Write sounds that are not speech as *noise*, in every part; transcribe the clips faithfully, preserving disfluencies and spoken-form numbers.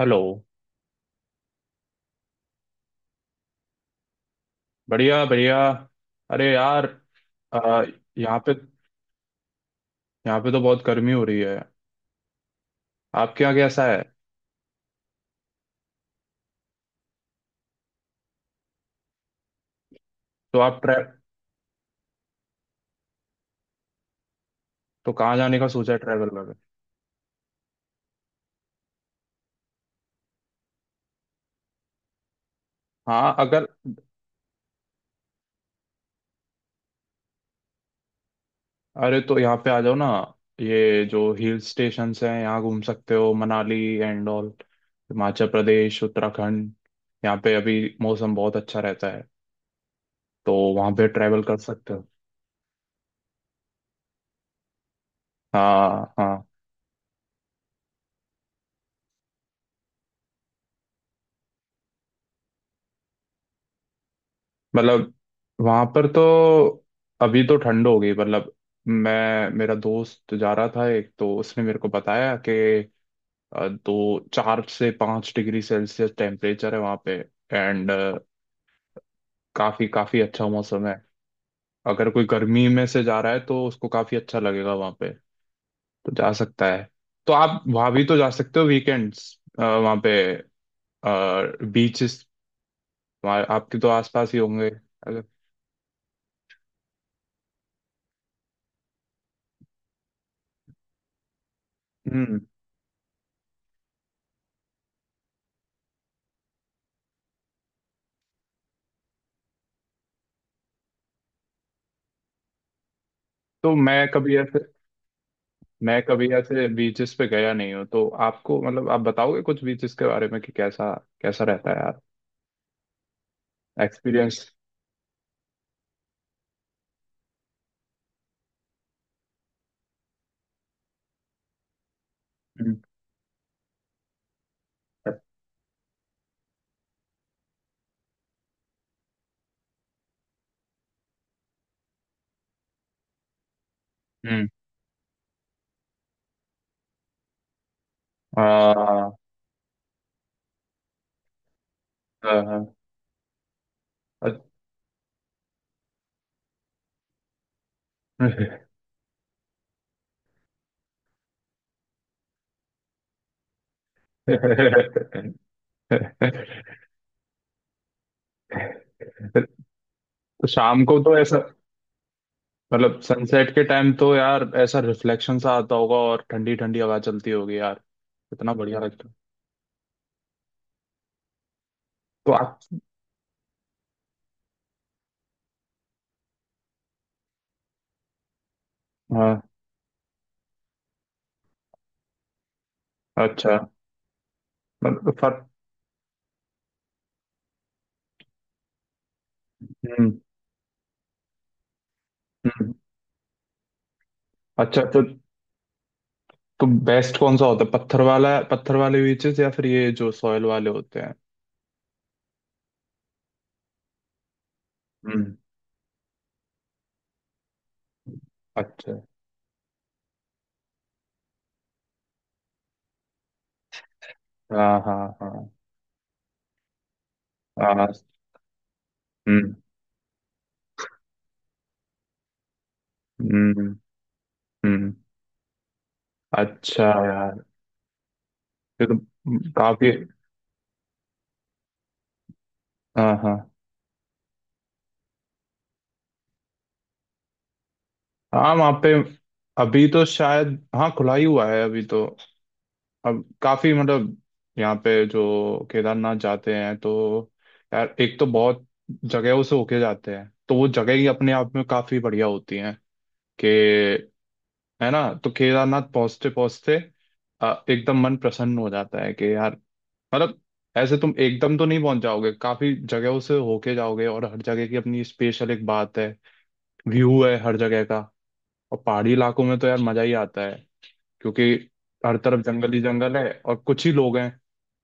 Hello. बढ़िया बढ़िया। अरे यार, अ, यहाँ पे यहाँ पे तो बहुत गर्मी हो रही है। आपके यहाँ कैसा है? तो आप ट्रै तो कहाँ जाने का सोचा है ट्रैवल में? हाँ अगर, अरे तो यहाँ पे आ जाओ ना। ये जो हिल स्टेशंस हैं, यहाँ घूम सकते हो, मनाली एंड ऑल, हिमाचल प्रदेश, उत्तराखंड। यहाँ पे अभी मौसम बहुत अच्छा रहता है, तो वहाँ पे ट्रैवल कर सकते हो। हाँ हाँ। मतलब, वहां पर तो अभी तो ठंड हो गई मतलब। मैं, मेरा दोस्त जा रहा था एक, तो उसने मेरे को बताया कि अ, दो, चार से पाँच डिग्री सेल्सियस टेम्परेचर है वहां पे। एंड काफी काफी अच्छा मौसम है। अगर कोई गर्मी में से जा रहा है तो उसको काफी अच्छा लगेगा वहां पे, तो जा सकता है। तो आप वहां भी तो जा सकते हो वीकेंड्स। वहां पे बीचेस आपके तो आसपास ही होंगे। अगर- हम्म। तो मैं कभी ऐसे मैं कभी ऐसे बीचेस पे गया नहीं हूँ, तो आपको मतलब आप बताओगे कुछ बीचेस के बारे में कि कैसा, कैसा रहता है यार? एक्सपीरियंस। हम्म। हम्म, हाँ हाँ हाँ, अच्छा। तो शाम को तो ऐसा, मतलब सनसेट के टाइम, तो यार ऐसा रिफ्लेक्शन सा आता होगा और ठंडी ठंडी हवा चलती होगी यार। इतना बढ़िया लगता है। तो आप, हाँ, अच्छा मतलब फर हम्म। हम्म, अच्छा तो तो बेस्ट कौन सा होता है? पत्थर वाला, पत्थर वाले बीचेस या फिर ये जो सॉयल वाले होते हैं? हम्म, अच्छा। हाँ हाँ हाँ हाँ। हम्म हम्म हम्म। अच्छा यार, ये तो काफी, हाँ हाँ हाँ। वहाँ पे अभी तो शायद, हाँ, खुला ही हुआ है अभी तो। अब काफी मतलब, यहाँ पे जो केदारनाथ जाते हैं तो, यार, एक तो बहुत जगहों से होके जाते हैं, तो वो जगह ही अपने आप में काफी बढ़िया होती हैं कि, है ना? तो केदारनाथ पहुंचते पहुंचते अ, एकदम मन प्रसन्न हो जाता है कि यार, मतलब, ऐसे तुम एकदम तो नहीं पहुंच जाओगे, काफी जगहों से होके जाओगे और हर जगह की अपनी स्पेशल एक बात है, व्यू है हर जगह का। और पहाड़ी इलाकों में तो यार मजा ही आता है, क्योंकि हर तरफ जंगल ही जंगल है और कुछ ही लोग हैं।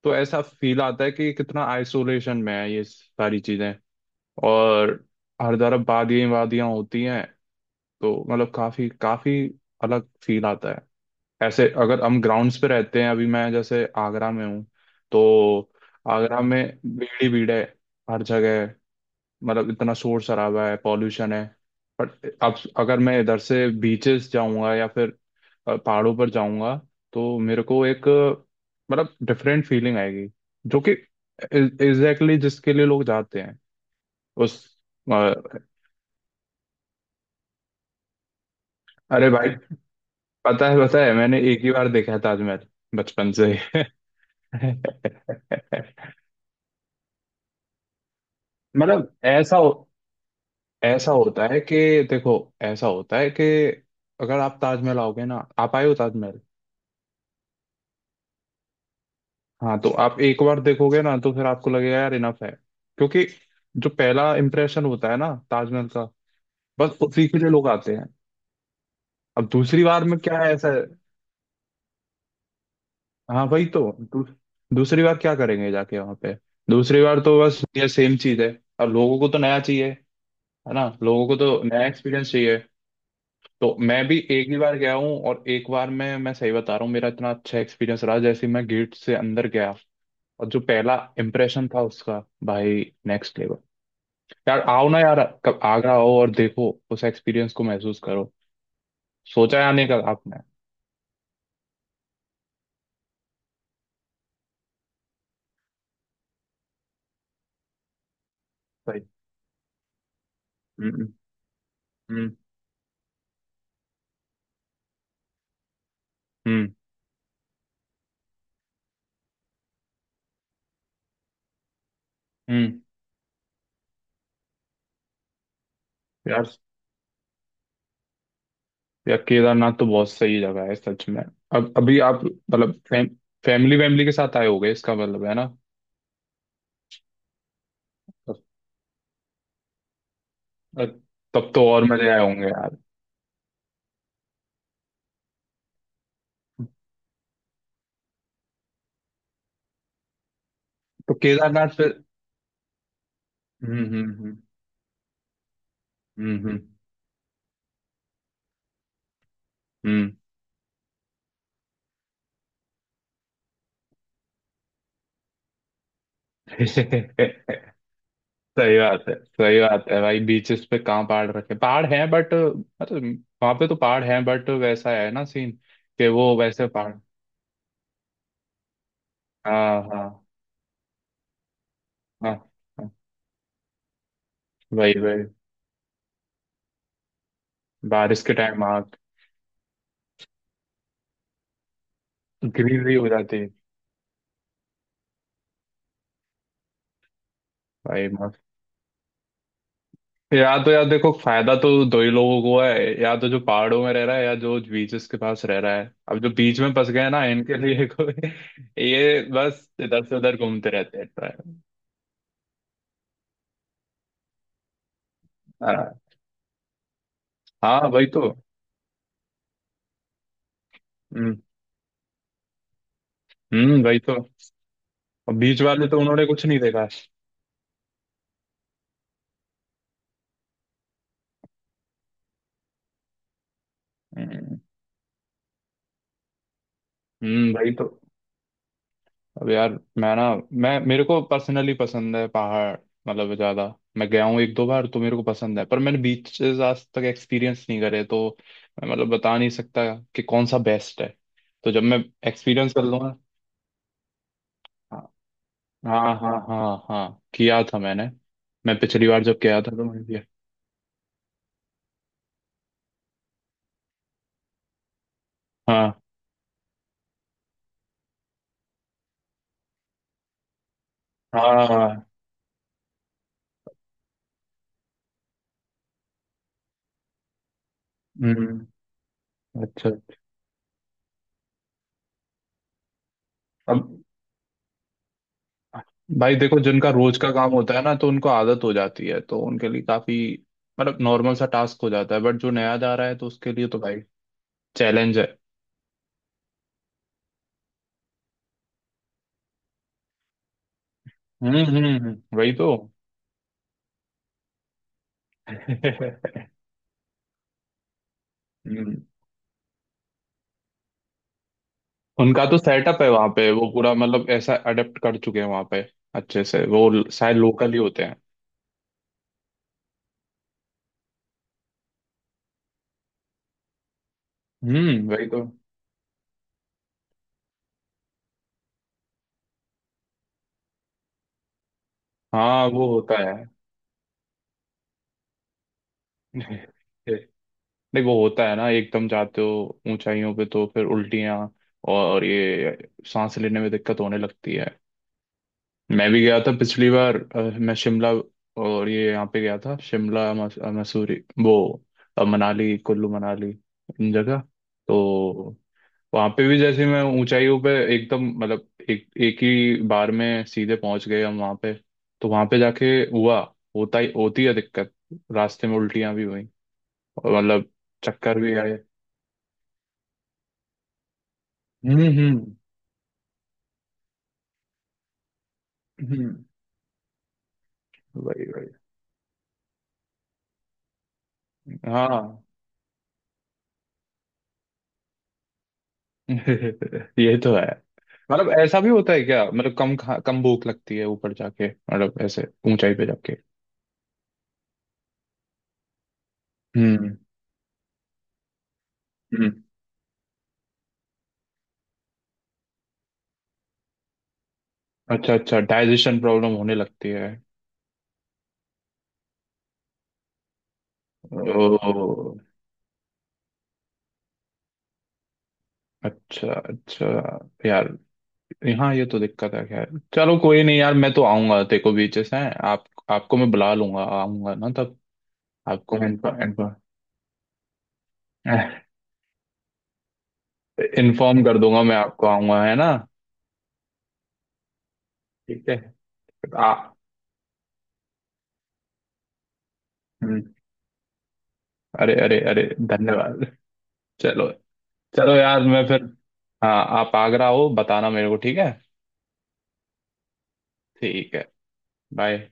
तो ऐसा फील आता है कि कितना आइसोलेशन में है ये सारी चीजें। और हर तरफ वादियां वादियां होती हैं, तो मतलब काफी काफी अलग फील आता है। ऐसे अगर हम ग्राउंड्स पे रहते हैं, अभी मैं जैसे आगरा में हूँ, तो आगरा में भीड़ ही भीड़ है हर जगह है। मतलब इतना शोर शराबा है, पॉल्यूशन है। बट अब अगर मैं इधर से बीचेस जाऊंगा या फिर अ, पहाड़ों पर जाऊंगा, तो मेरे को एक, अ, मतलब डिफरेंट फीलिंग आएगी, जो कि एग्जैक्टली exactly जिसके लिए लोग जाते हैं उस, अ, अरे भाई, पता है पता है, मैंने एक ही बार देखा है ताजमहल, बचपन से। *laughs* मतलब ऐसा हो, ऐसा होता है कि, देखो, ऐसा होता है कि अगर आप ताजमहल आओगे ना, आप आए हो ताजमहल? हाँ, तो आप एक बार देखोगे ना तो फिर आपको लगेगा यार इनफ है, क्योंकि जो पहला इंप्रेशन होता है ना ताजमहल का, बस उसी के लिए लोग आते हैं। अब दूसरी बार में क्या है, ऐसा है? हाँ वही तो, दू, दूसरी बार क्या करेंगे जाके वहां पे? दूसरी बार तो बस ये सेम चीज है। अब लोगों को तो नया चाहिए, है ना? लोगों को तो नया एक्सपीरियंस चाहिए। तो मैं भी एक ही बार गया हूँ और एक बार में मैं सही बता रहा हूँ, मेरा इतना अच्छा एक्सपीरियंस रहा जैसे ही मैं गेट से अंदर गया, और जो पहला इम्प्रेशन था उसका, भाई, नेक्स्ट लेवल। यार आओ ना यार, कब आगरा आओ और देखो, उस एक्सपीरियंस को महसूस करो। सोचा है आने का आपने? सही। हम्म हम्म हम्म हम्म। यार, यार केदारनाथ तो बहुत सही जगह है सच में। अब अभी आप मतलब फैम, फैमिली वैमिली के साथ आए होगे, इसका मतलब है ना? तब तब तो और मजे आए होंगे यार। तो केदारनाथ पे हम्म हम्म हम्म हम्म हम्म। हम्म। *laughs* सही बात है, सही बात है भाई। बीचेस पे कहाँ पहाड़, रखे पहाड़ हैं बट, मतलब वहां पे तो पहाड़ हैं बट वैसा है ना सीन, कि वो वैसे पहाड़, हाँ हाँ हाँ हाँ, वही वही, बारिश के टाइम आग, ग्रीनरी हो जाती है भाई मस्त। या तो, यार, देखो फायदा तो दो ही लोगों को है, या तो जो पहाड़ों में रह रहा है या जो बीचेस के पास रह रहा है। अब जो बीच में फंस गए ना, इनके लिए कोई, *laughs* ये बस इधर से उधर घूमते रहते हैं। आ, हाँ वही तो, हम्म हम्म वही तो। और बीच वाले तो उन्होंने कुछ नहीं देखा। हम्म हम्म, वही तो। अब यार, मैं ना मैं, मेरे को पर्सनली पसंद है पहाड़, मतलब ज्यादा। मैं गया हूँ एक दो बार, तो मेरे को पसंद है, पर मैंने बीचेस आज तक एक्सपीरियंस नहीं करे, तो मैं मतलब बता नहीं सकता कि कौन सा बेस्ट है। तो जब मैं एक्सपीरियंस कर लूंगा, हाँ हाँ हाँ हाँ, हाँ किया था मैंने। मैं पिछली बार जब गया था तो मैंने किया, हाँ हाँ हाँ, हाँ। हम्म, अच्छा। अब भाई देखो, जिनका रोज का काम होता है ना, तो उनको आदत हो जाती है, तो उनके लिए काफी मतलब नॉर्मल सा टास्क हो जाता है, बट जो नया जा रहा है तो उसके लिए तो भाई चैलेंज है। हम्म हम्म हम्म, वही तो। *laughs* हम्म। उनका तो सेटअप है वहां पे, वो पूरा मतलब ऐसा अडेप्ट कर चुके हैं वहां पे अच्छे से, वो ल- शायद लोकल ही होते हैं। हम्म वही तो, हाँ वो होता है। *laughs* नहीं वो होता है ना, एकदम जाते हो ऊंचाइयों पे तो फिर उल्टियाँ और ये सांस लेने में दिक्कत होने लगती है। मैं भी गया था पिछली बार, अ, मैं शिमला और ये यहाँ पे गया था, शिमला मस- अ, मसूरी, वो, अ, मनाली, कुल्लू मनाली, इन जगह। तो वहाँ पे भी जैसे मैं ऊंचाइयों पे एकदम मतलब एक, एक ही बार में सीधे पहुंच गए हम वहाँ पे, तो वहाँ पे जाके हुआ, होता ही, होती है दिक्कत। रास्ते में उल्टियाँ भी हुई और मतलब चक्कर भी आए। हम्म हम्म हम्म। वही वही, हाँ। *laughs* ये तो है। मतलब ऐसा भी होता है क्या, मतलब कम खा, कम भूख लगती है ऊपर जाके मतलब ऐसे, ऊंचाई पे जाके? हम्म। हम्म, अच्छा अच्छा, डाइजेशन प्रॉब्लम होने लगती है। ओ, अच्छा अच्छा। यार, यहाँ ये तो दिक्कत है, खैर चलो कोई नहीं यार, मैं तो आऊंगा तेरे को, बीचेस हैं आप, आपको मैं बुला लूंगा, आऊंगा ना तब। आपको मैं इन्फॉर्म इन्फॉर्म, *laughs* इन्फॉर्म कर दूंगा मैं आपको, आऊंगा है ना। ठीक है। आ, हम्म, अरे अरे अरे धन्यवाद। चलो। चलो यार मैं फिर, हाँ, आप आगरा हो बताना मेरे को, ठीक है। ठीक है। बाय।